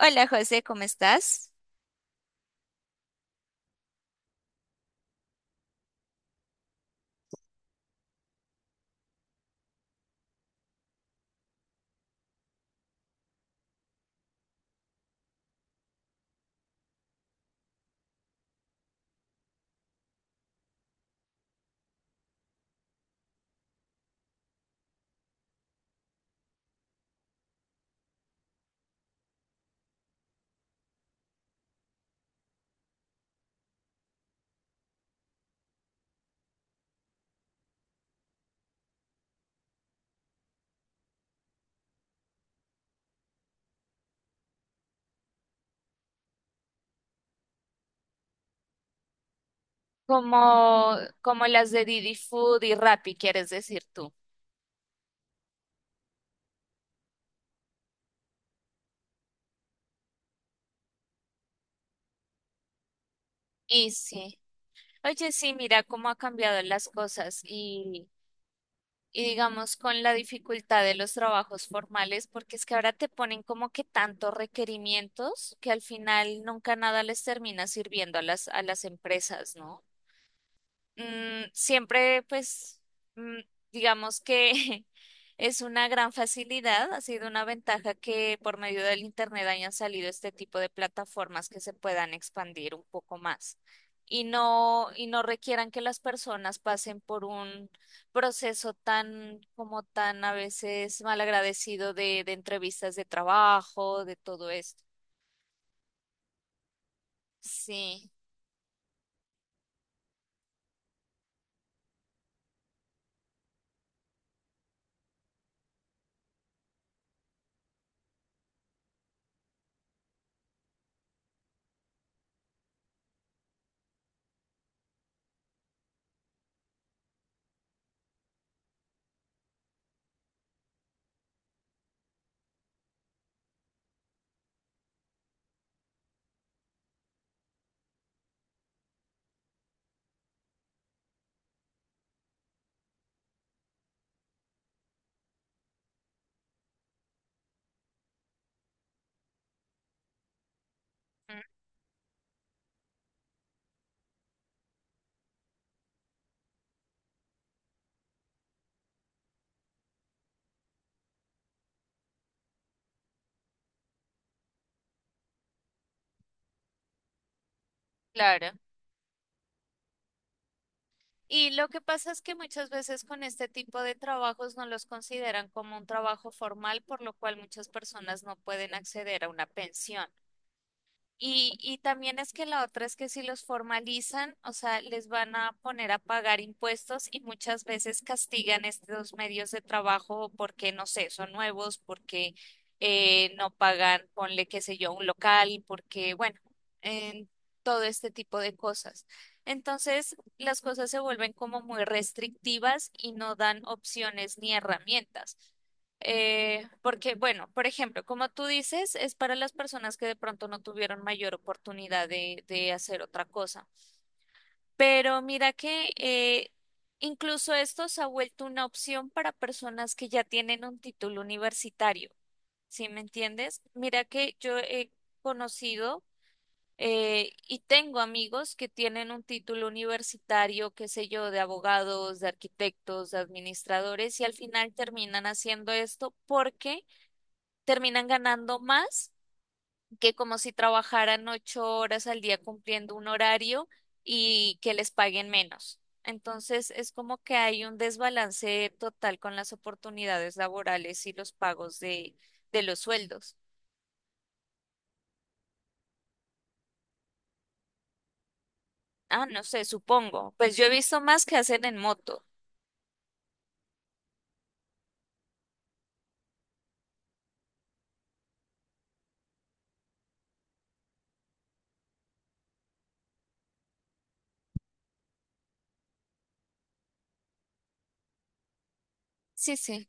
Hola José, ¿cómo estás? Como, como las de Didi Food y Rappi, quieres decir tú. Y sí. Oye, sí, mira cómo ha cambiado las cosas y digamos con la dificultad de los trabajos formales, porque es que ahora te ponen como que tantos requerimientos que al final nunca nada les termina sirviendo a a las empresas, ¿no? Mm, siempre, pues, mm, digamos que es una gran facilidad, ha sido una ventaja que por medio del Internet hayan salido este tipo de plataformas que se puedan expandir un poco más y no requieran que las personas pasen por un proceso tan, como tan a veces malagradecido de entrevistas de trabajo, de todo esto. Sí, mm, claro. Y lo que pasa es que muchas veces con este tipo de trabajos no los consideran como un trabajo formal, por lo cual muchas personas no pueden acceder a una pensión. Y también es que la otra es que si los formalizan, o sea, les van a poner a pagar impuestos y muchas veces castigan estos medios de trabajo porque, no sé, son nuevos, porque no pagan, ponle, qué sé yo, un local, porque, bueno, en todo este tipo de cosas. Entonces, las cosas se vuelven como muy restrictivas y no dan opciones ni herramientas. Porque, bueno, por ejemplo, como tú dices, es para las personas que de pronto no tuvieron mayor oportunidad de hacer otra cosa. Pero mira que incluso esto se ha vuelto una opción para personas que ya tienen un título universitario, ¿sí me entiendes? Mira que yo he conocido y tengo amigos que tienen un título universitario, qué sé yo, de abogados, de arquitectos, de administradores, y al final terminan haciendo esto porque terminan ganando más que como si trabajaran 8 horas al día cumpliendo un horario y que les paguen menos. Entonces es como que hay un desbalance total con las oportunidades laborales y los pagos de los sueldos. Ah, no sé, supongo. Pues yo he visto más que hacen en moto. Sí, sí.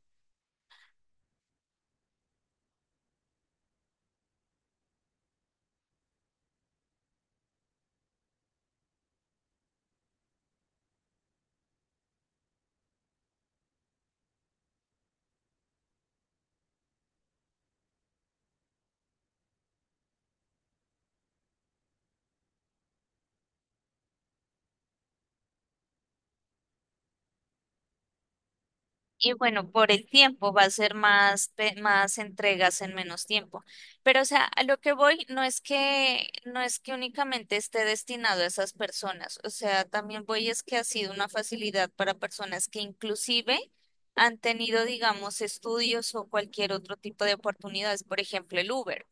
Y bueno, por el tiempo va a ser más, más entregas en menos tiempo. Pero, o sea, a lo que voy no es que, no es que únicamente esté destinado a esas personas. O sea, también voy es que ha sido una facilidad para personas que inclusive han tenido, digamos, estudios o cualquier otro tipo de oportunidades. Por ejemplo, el Uber.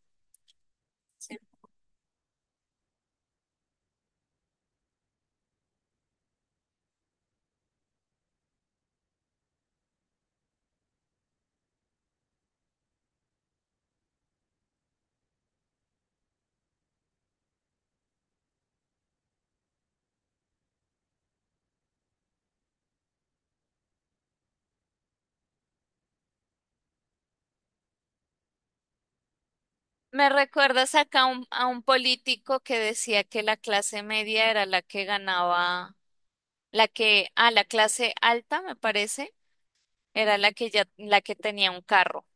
Sí. Me recuerdas acá a a un político que decía que la clase media era la que ganaba, la que, a la clase alta, me parece. Era la que ya, la que tenía un carro.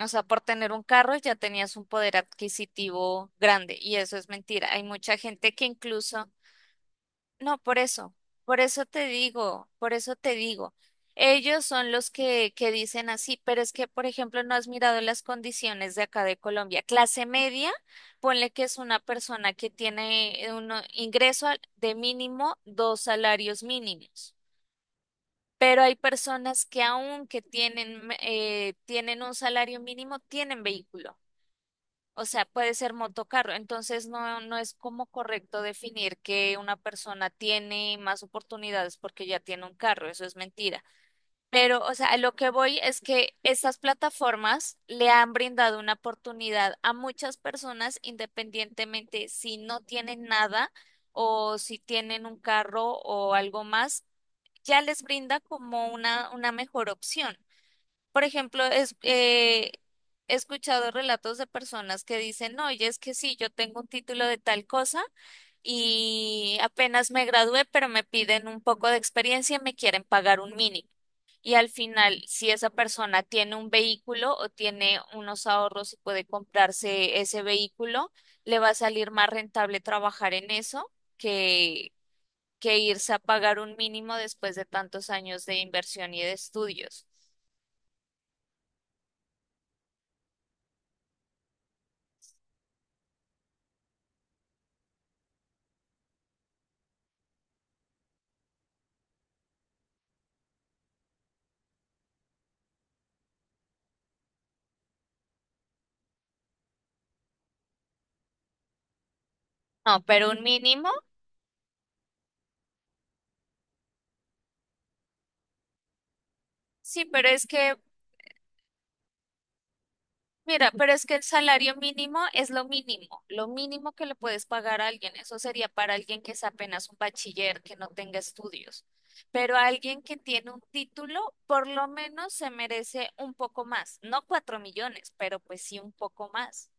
O sea, por tener un carro ya tenías un poder adquisitivo grande y eso es mentira. Hay mucha gente que incluso, no, por eso te digo, por eso te digo. Ellos son los que dicen así, pero es que, por ejemplo, no has mirado las condiciones de acá de Colombia. Clase media, ponle que es una persona que tiene un ingreso de mínimo dos salarios mínimos. Pero hay personas que aunque tienen, tienen un salario mínimo, tienen vehículo. O sea, puede ser motocarro. Entonces, no, no es como correcto definir que una persona tiene más oportunidades porque ya tiene un carro. Eso es mentira. Pero, o sea, a lo que voy es que estas plataformas le han brindado una oportunidad a muchas personas independientemente si no tienen nada o si tienen un carro o algo más, ya les brinda como una mejor opción. Por ejemplo, es, he escuchado relatos de personas que dicen, "No, oye, es que sí, yo tengo un título de tal cosa y apenas me gradué, pero me piden un poco de experiencia y me quieren pagar un mínimo. Y al final, si esa persona tiene un vehículo o tiene unos ahorros y puede comprarse ese vehículo, le va a salir más rentable trabajar en eso que irse a pagar un mínimo después de tantos años de inversión y de estudios." No, pero un mínimo, sí, pero es que, mira, pero es que el salario mínimo es lo mínimo que le puedes pagar a alguien. Eso sería para alguien que es apenas un bachiller, que no tenga estudios. Pero alguien que tiene un título, por lo menos se merece un poco más, no cuatro millones, pero pues sí un poco más.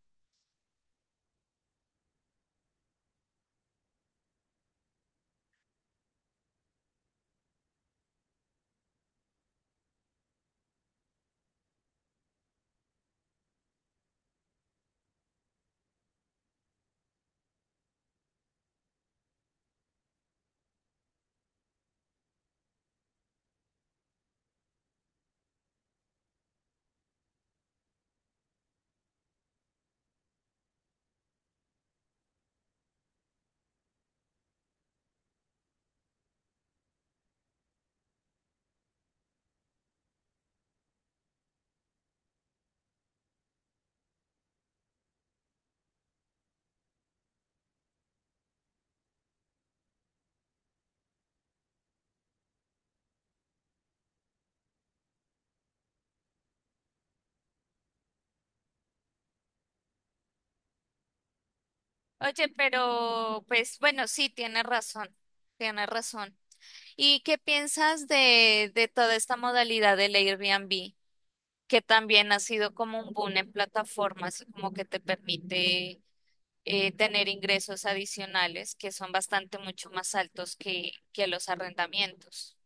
Oye, pero pues bueno, sí, tiene razón, tiene razón. ¿Y qué piensas de toda esta modalidad del Airbnb, que también ha sido como un boom en plataformas, como que te permite tener ingresos adicionales que son bastante mucho más altos que los arrendamientos?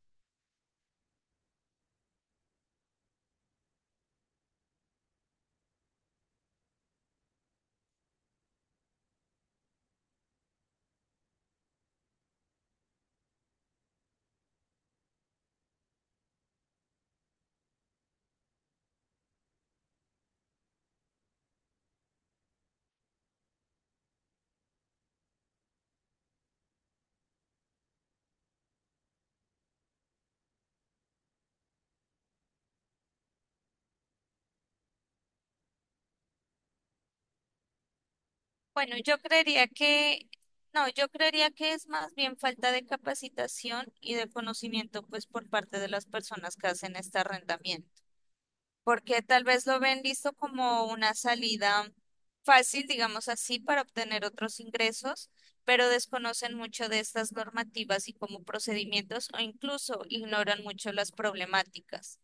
Bueno, yo creería que, no, yo creería que es más bien falta de capacitación y de conocimiento, pues, por parte de las personas que hacen este arrendamiento. Porque tal vez lo ven visto como una salida fácil, digamos así, para obtener otros ingresos, pero desconocen mucho de estas normativas y como procedimientos o incluso ignoran mucho las problemáticas.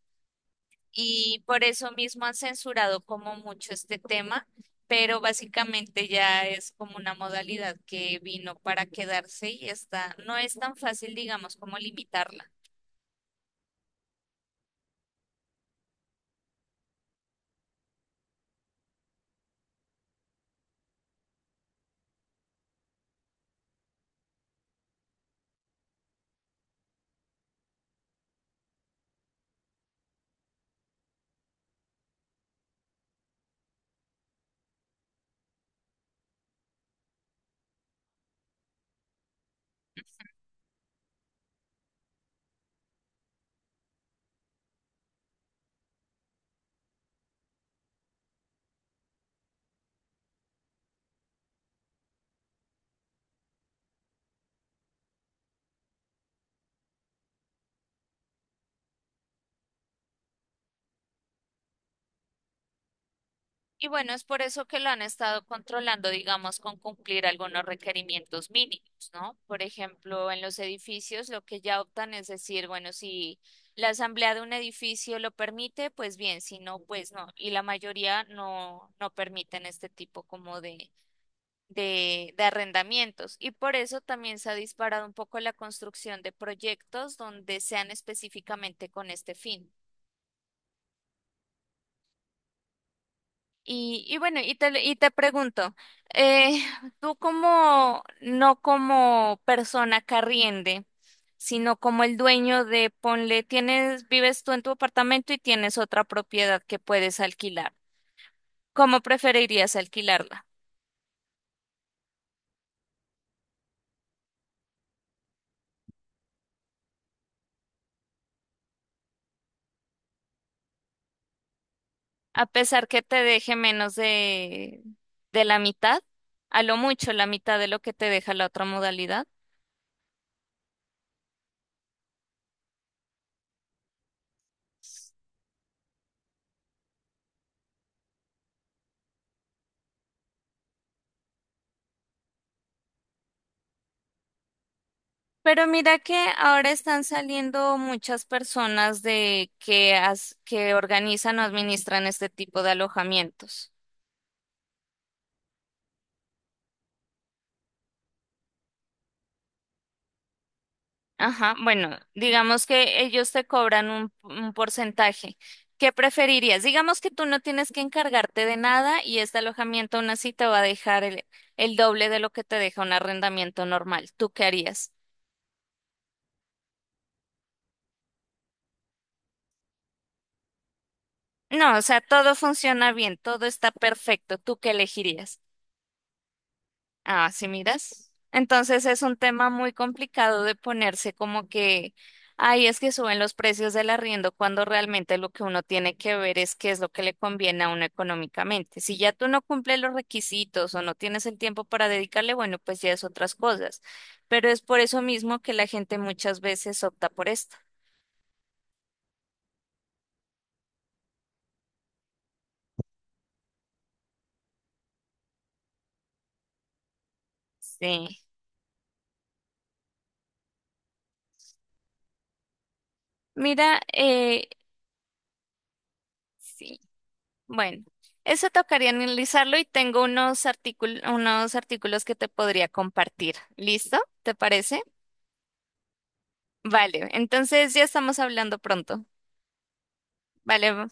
Y por eso mismo han censurado como mucho este tema, pero básicamente ya es como una modalidad que vino para quedarse y está, no es tan fácil, digamos, como limitarla. Y bueno, es por eso que lo han estado controlando, digamos, con cumplir algunos requerimientos mínimos, ¿no? Por ejemplo, en los edificios lo que ya optan es decir, bueno, si la asamblea de un edificio lo permite, pues bien, si no, pues no. Y la mayoría no, no permiten este tipo como de, de arrendamientos. Y por eso también se ha disparado un poco la construcción de proyectos donde sean específicamente con este fin. Y bueno, y te pregunto, eh, tú como, no como persona carriende, sino como el dueño de, ponle, tienes, vives tú en tu apartamento y tienes otra propiedad que puedes alquilar. ¿Cómo preferirías alquilarla? A pesar que te deje menos de la mitad, a lo mucho la mitad de lo que te deja la otra modalidad. Pero mira que ahora están saliendo muchas personas de que, que organizan o administran este tipo de alojamientos. Ajá, bueno, digamos que ellos te cobran un porcentaje. ¿Qué preferirías? Digamos que tú no tienes que encargarte de nada y este alojamiento aún así te va a dejar el doble de lo que te deja un arrendamiento normal. ¿Tú qué harías? No, o sea, todo funciona bien, todo está perfecto. ¿Tú qué elegirías? Ah, sí, miras. Entonces es un tema muy complicado de ponerse como que, ay, es que suben los precios del arriendo cuando realmente lo que uno tiene que ver es qué es lo que le conviene a uno económicamente. Si ya tú no cumples los requisitos o no tienes el tiempo para dedicarle, bueno, pues ya es otras cosas. Pero es por eso mismo que la gente muchas veces opta por esto. Sí. Mira, sí, bueno, eso tocaría analizarlo y tengo unos artículos que te podría compartir. ¿Listo? ¿Te parece? Vale, entonces ya estamos hablando pronto. Vale,